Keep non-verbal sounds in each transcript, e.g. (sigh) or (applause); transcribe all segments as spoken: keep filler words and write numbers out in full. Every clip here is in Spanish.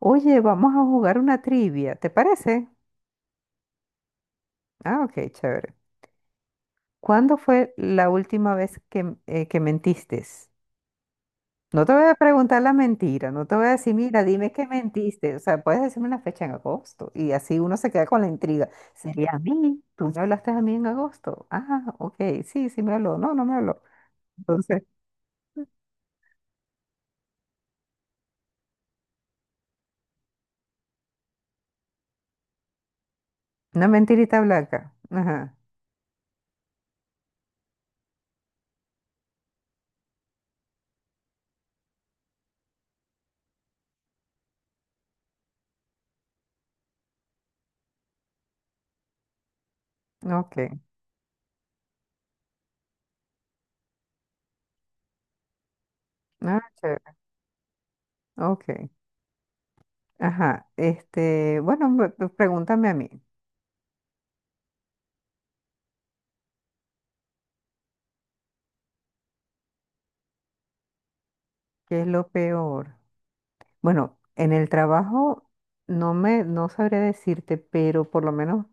Oye, vamos a jugar una trivia, ¿te parece? Ah, ok, chévere. ¿Cuándo fue la última vez que, eh, que mentiste? No te voy a preguntar la mentira, no te voy a decir, mira, dime que mentiste. O sea, puedes decirme una fecha en agosto y así uno se queda con la intriga. ¿Sería a mí? ¿Tú me hablaste a mí en agosto? Ah, ok, sí, sí me habló. No, no me habló. Entonces, una mentirita blanca. Ajá, ok. Ah, chévere, ok. Ajá, este, bueno, pues, pues, pregúntame a mí, ¿qué es lo peor? Bueno, en el trabajo no me, no sabré decirte, pero por lo menos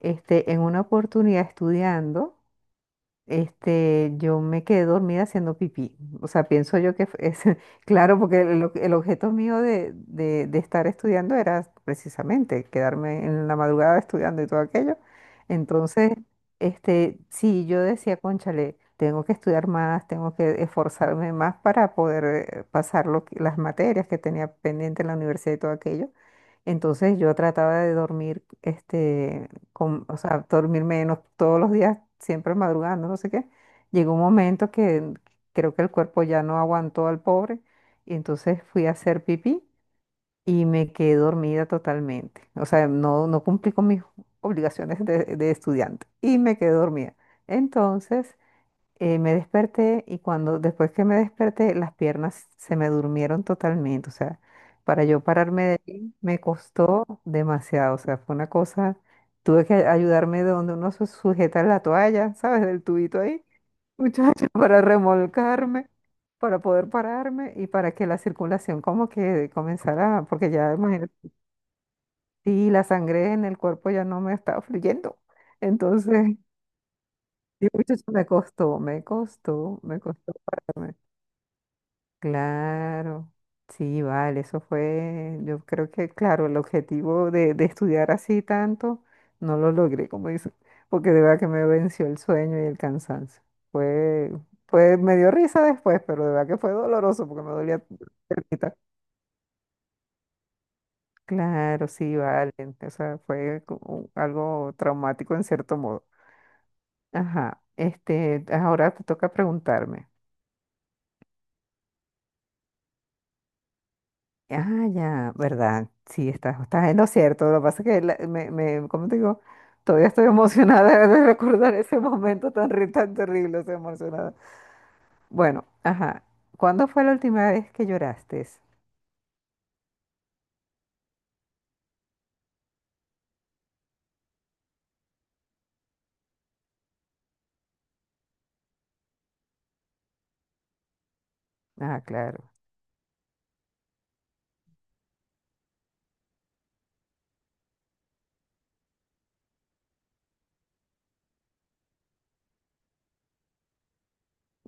este, en una oportunidad estudiando. Este, yo me quedé dormida haciendo pipí. O sea, pienso yo que es (laughs) claro, porque el, el objeto mío de, de- de estar estudiando era precisamente quedarme en la madrugada estudiando y todo aquello. Entonces, este, sí, yo decía, cónchale, tengo que estudiar más, tengo que esforzarme más para poder eh, pasar lo que- las materias que tenía pendiente en la universidad y todo aquello. Entonces yo trataba de dormir, este, con, o sea, dormir menos todos los días, siempre madrugando, no sé qué. Llegó un momento que creo que el cuerpo ya no aguantó al pobre y entonces fui a hacer pipí y me quedé dormida totalmente. O sea, no, no cumplí con mis obligaciones de, de estudiante y me quedé dormida. Entonces, eh, me desperté y cuando después que me desperté las piernas se me durmieron totalmente, o sea, para yo pararme de ahí me costó demasiado, o sea, fue una cosa, tuve que ayudarme de donde uno se sujeta la toalla, (laughs) ¿sabes? Del tubito ahí, muchachos (laughs) para remolcarme, para poder pararme y para que la circulación como que comenzara, porque ya imagínate, sí, la sangre en el cuerpo ya no me estaba fluyendo, entonces, (laughs) sí, muchachos me costó, me costó, me costó. Claro, sí, vale, eso fue, yo creo que, claro, el objetivo de, de estudiar así tanto, no lo logré, como dice, porque de verdad que me venció el sueño y el cansancio. Fue, fue, me dio risa después, pero de verdad que fue doloroso porque me dolía la piernita. Claro, sí, vale, o sea, fue como algo traumático en cierto modo. Ajá, este, ahora te toca preguntarme. Ah, ya, ¿verdad? Sí, estás, estás en lo cierto. Lo que pasa es que, la- me, me, ¿cómo te digo? Todavía estoy emocionada de recordar ese momento tan, ri- tan terrible, estoy emocionada. Bueno, ajá. ¿Cuándo fue la última vez que lloraste? Ah, claro.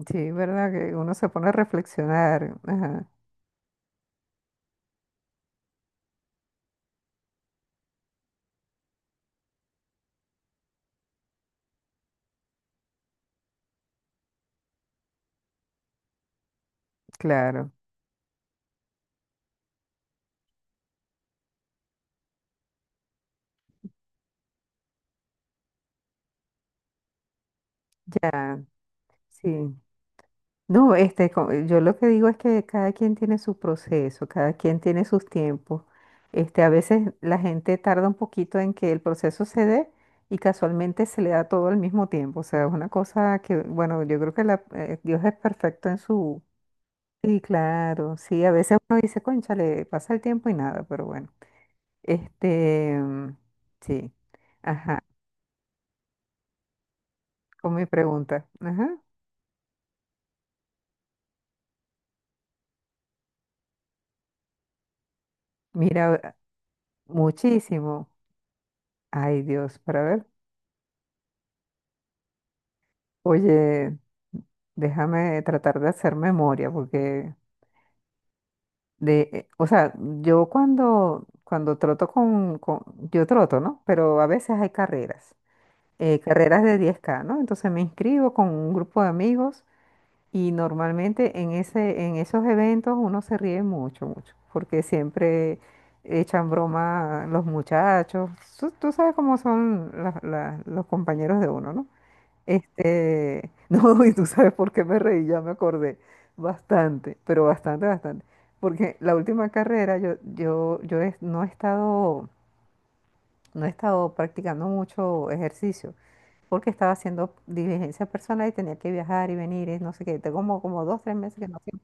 Sí, ¿verdad? Que uno se pone a reflexionar. Ajá, claro. Sí. No, este, co- yo lo que digo es que cada quien tiene su proceso, cada quien tiene sus tiempos. Este, a veces la gente tarda un poquito en que el proceso se dé y casualmente se le da todo al mismo tiempo. O sea, es una cosa que, bueno, yo creo que la- eh, Dios es perfecto en su... Sí, claro, sí, a veces uno dice, le pasa el tiempo y nada, pero bueno. Este, mm, sí, ajá, con mi pregunta. Ajá, mira, muchísimo. Ay, Dios, para ver. Oye, déjame tratar de hacer memoria, porque de, eh, o sea, yo cuando, cuando troto con, con- yo troto, ¿no? Pero a veces hay carreras, eh, carreras de diez k, ¿no? Entonces me inscribo con un grupo de amigos y normalmente en ese, en esos eventos uno se ríe mucho, mucho, porque siempre echan broma los muchachos. Tú, tú sabes cómo son la- la- los compañeros de uno, ¿no? Este, (laughs) no, y tú sabes por qué me reí, ya me acordé. Bastante, pero bastante, bastante. Porque la última carrera yo, yo, yo he- no he estado, no he estado practicando mucho ejercicio, porque estaba haciendo diligencia personal y tenía que viajar y venir y no sé qué. Tengo como, como dos, tres meses que no hacía.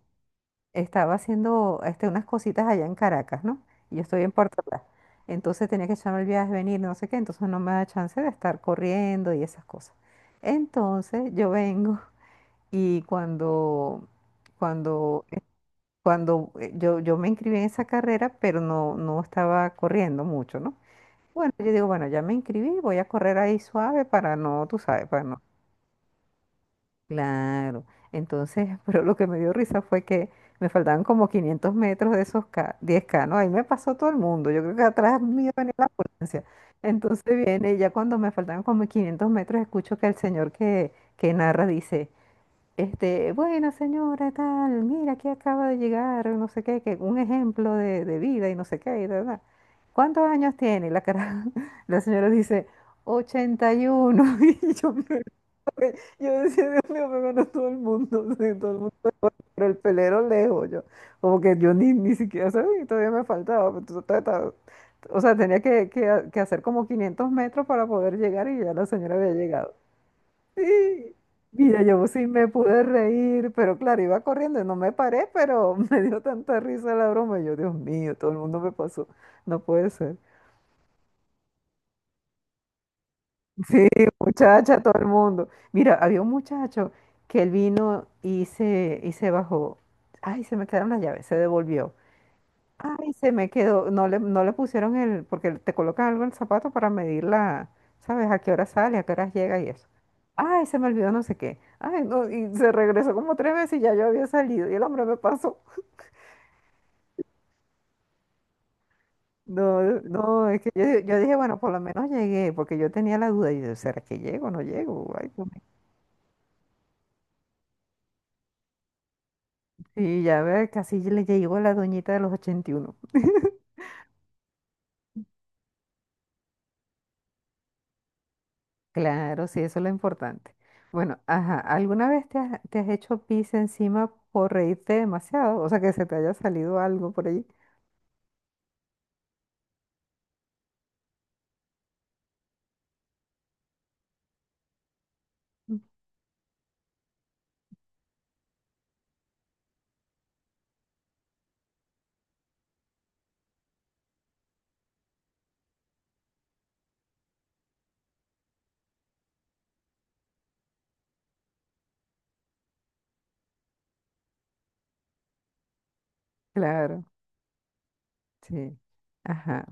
Estaba haciendo este, unas cositas allá en Caracas, ¿no? Y yo estoy en Puerto Plata. Entonces tenía que echarme el viaje, venir, no sé qué. Entonces no me da chance de estar corriendo y esas cosas. Entonces yo vengo. Y cuando, cuando, eh, cuando eh, yo, yo me inscribí en esa carrera, pero no, no estaba corriendo mucho, ¿no? Bueno, yo digo, bueno, ya me inscribí, voy a correr ahí suave para no, tú sabes, para no. Claro. Entonces, (laughs) pero lo que me dio risa fue que me faltaban como quinientos metros de esos K, diez K, ¿no? Ahí me pasó todo el mundo. Yo creo que atrás mío venía la ambulancia. Entonces viene, ya cuando me faltaban como quinientos metros, escucho que el señor que, que narra dice... Este, buena señora, tal, mira, aquí acaba de llegar, no sé qué, que un ejemplo de, de vida y no sé qué, y de verdad. ¿Cuántos años tiene? Y la cara, (laughs) la señora dice, ochenta y uno. (laughs) Y yo, me- yo decía, Dios mío, me ganó todo el mundo, (laughs) sí, todo el mundo. Pero el pelero lejos, yo, como que yo ni, ni siquiera sabía, y todavía me faltaba, pues, tú- ta- ta- o sea, tenía que, que, que hacer como quinientos metros para poder llegar y ya la señora había llegado. (laughs) Sí. Mira, yo sí me pude reír, pero claro, iba corriendo y no me paré, pero (laughs) me dio tanta risa la broma. Yo, Dios mío, todo el mundo me pasó. No puede ser. (laughs) Sí, muchacha, todo el mundo. Mira, había un muchacho que él vino y se, y se bajó. Ay, se me quedaron las llaves, se devolvió. Ay, se me quedó, no le, no le pusieron el, porque te colocan algo en el zapato para medir la, ¿sabes? A qué hora sale, a qué hora llega y eso. Ay, se me olvidó no sé qué. Ay, no, y se regresó como tres veces y ya yo había salido y el hombre me pasó. No, eh, no, es que yo, di- yo dije, bueno, por lo menos llegué, porque yo tenía la duda y yo, ¿será que llego o no llego? Ay, Dios mío. Y ya ve, casi le llegó la doñita de los ochenta y uno. Claro, sí, eso es lo importante. Bueno, ajá, ¿alguna vez te has, te has hecho pis encima por reírte demasiado? O sea, que se te haya salido algo por ahí. Mm. Claro, sí. Ajá.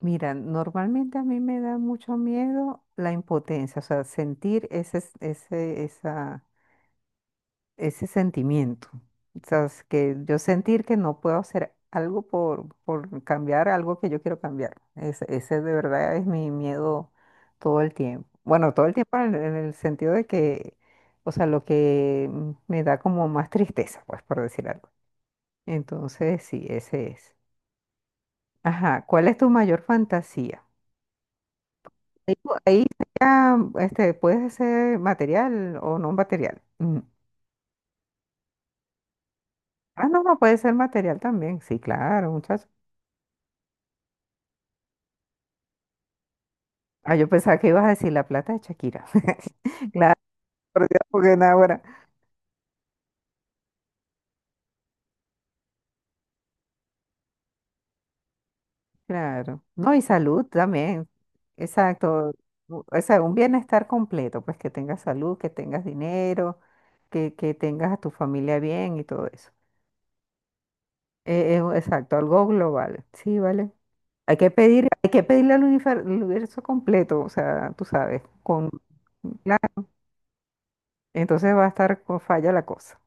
Mira, normalmente a mí me da mucho miedo la impotencia, o sea, sentir ese, ese, esa, ese sentimiento. O sea, es que yo sentir que no puedo hacer algo por, por cambiar algo que yo quiero cambiar. Ese, ese de verdad es mi miedo todo el tiempo. Bueno, todo el tiempo en, en el sentido de que, o sea, lo que mm, me da como más tristeza, pues, por decir algo. Entonces, sí, ese es. Ajá, ¿cuál es tu mayor fantasía? Ahí, pu- ahí ya, este, puede ser material o no material. Mm. Ah, no, no, puede ser material también. Sí, claro, muchacho. Ah, yo pensaba que ibas a decir la plata de Shakira. (laughs) Claro, por Dios, porque nada, ahora. Claro. No, y salud también. Exacto. u- O sea, un bienestar completo, pues que tengas salud, que tengas dinero, que, que tengas a tu familia bien y todo eso. Eh, eh, exacto, algo global. Sí, vale. Hay que pedir, hay que pedirle al unifer- al universo completo, o sea, tú sabes, con claro, entonces va a estar con falla la cosa.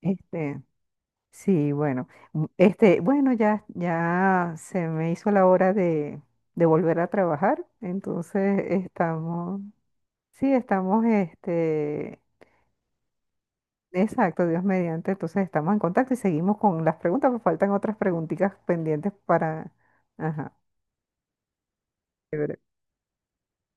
Este, sí, bueno, mm, este, bueno, ya, ya se me hizo la hora de, de volver a trabajar, entonces estamos, sí, estamos, este, exacto, Dios mediante, entonces estamos en contacto y seguimos con las preguntas, pues faltan otras preguntitas pendientes para, ajá,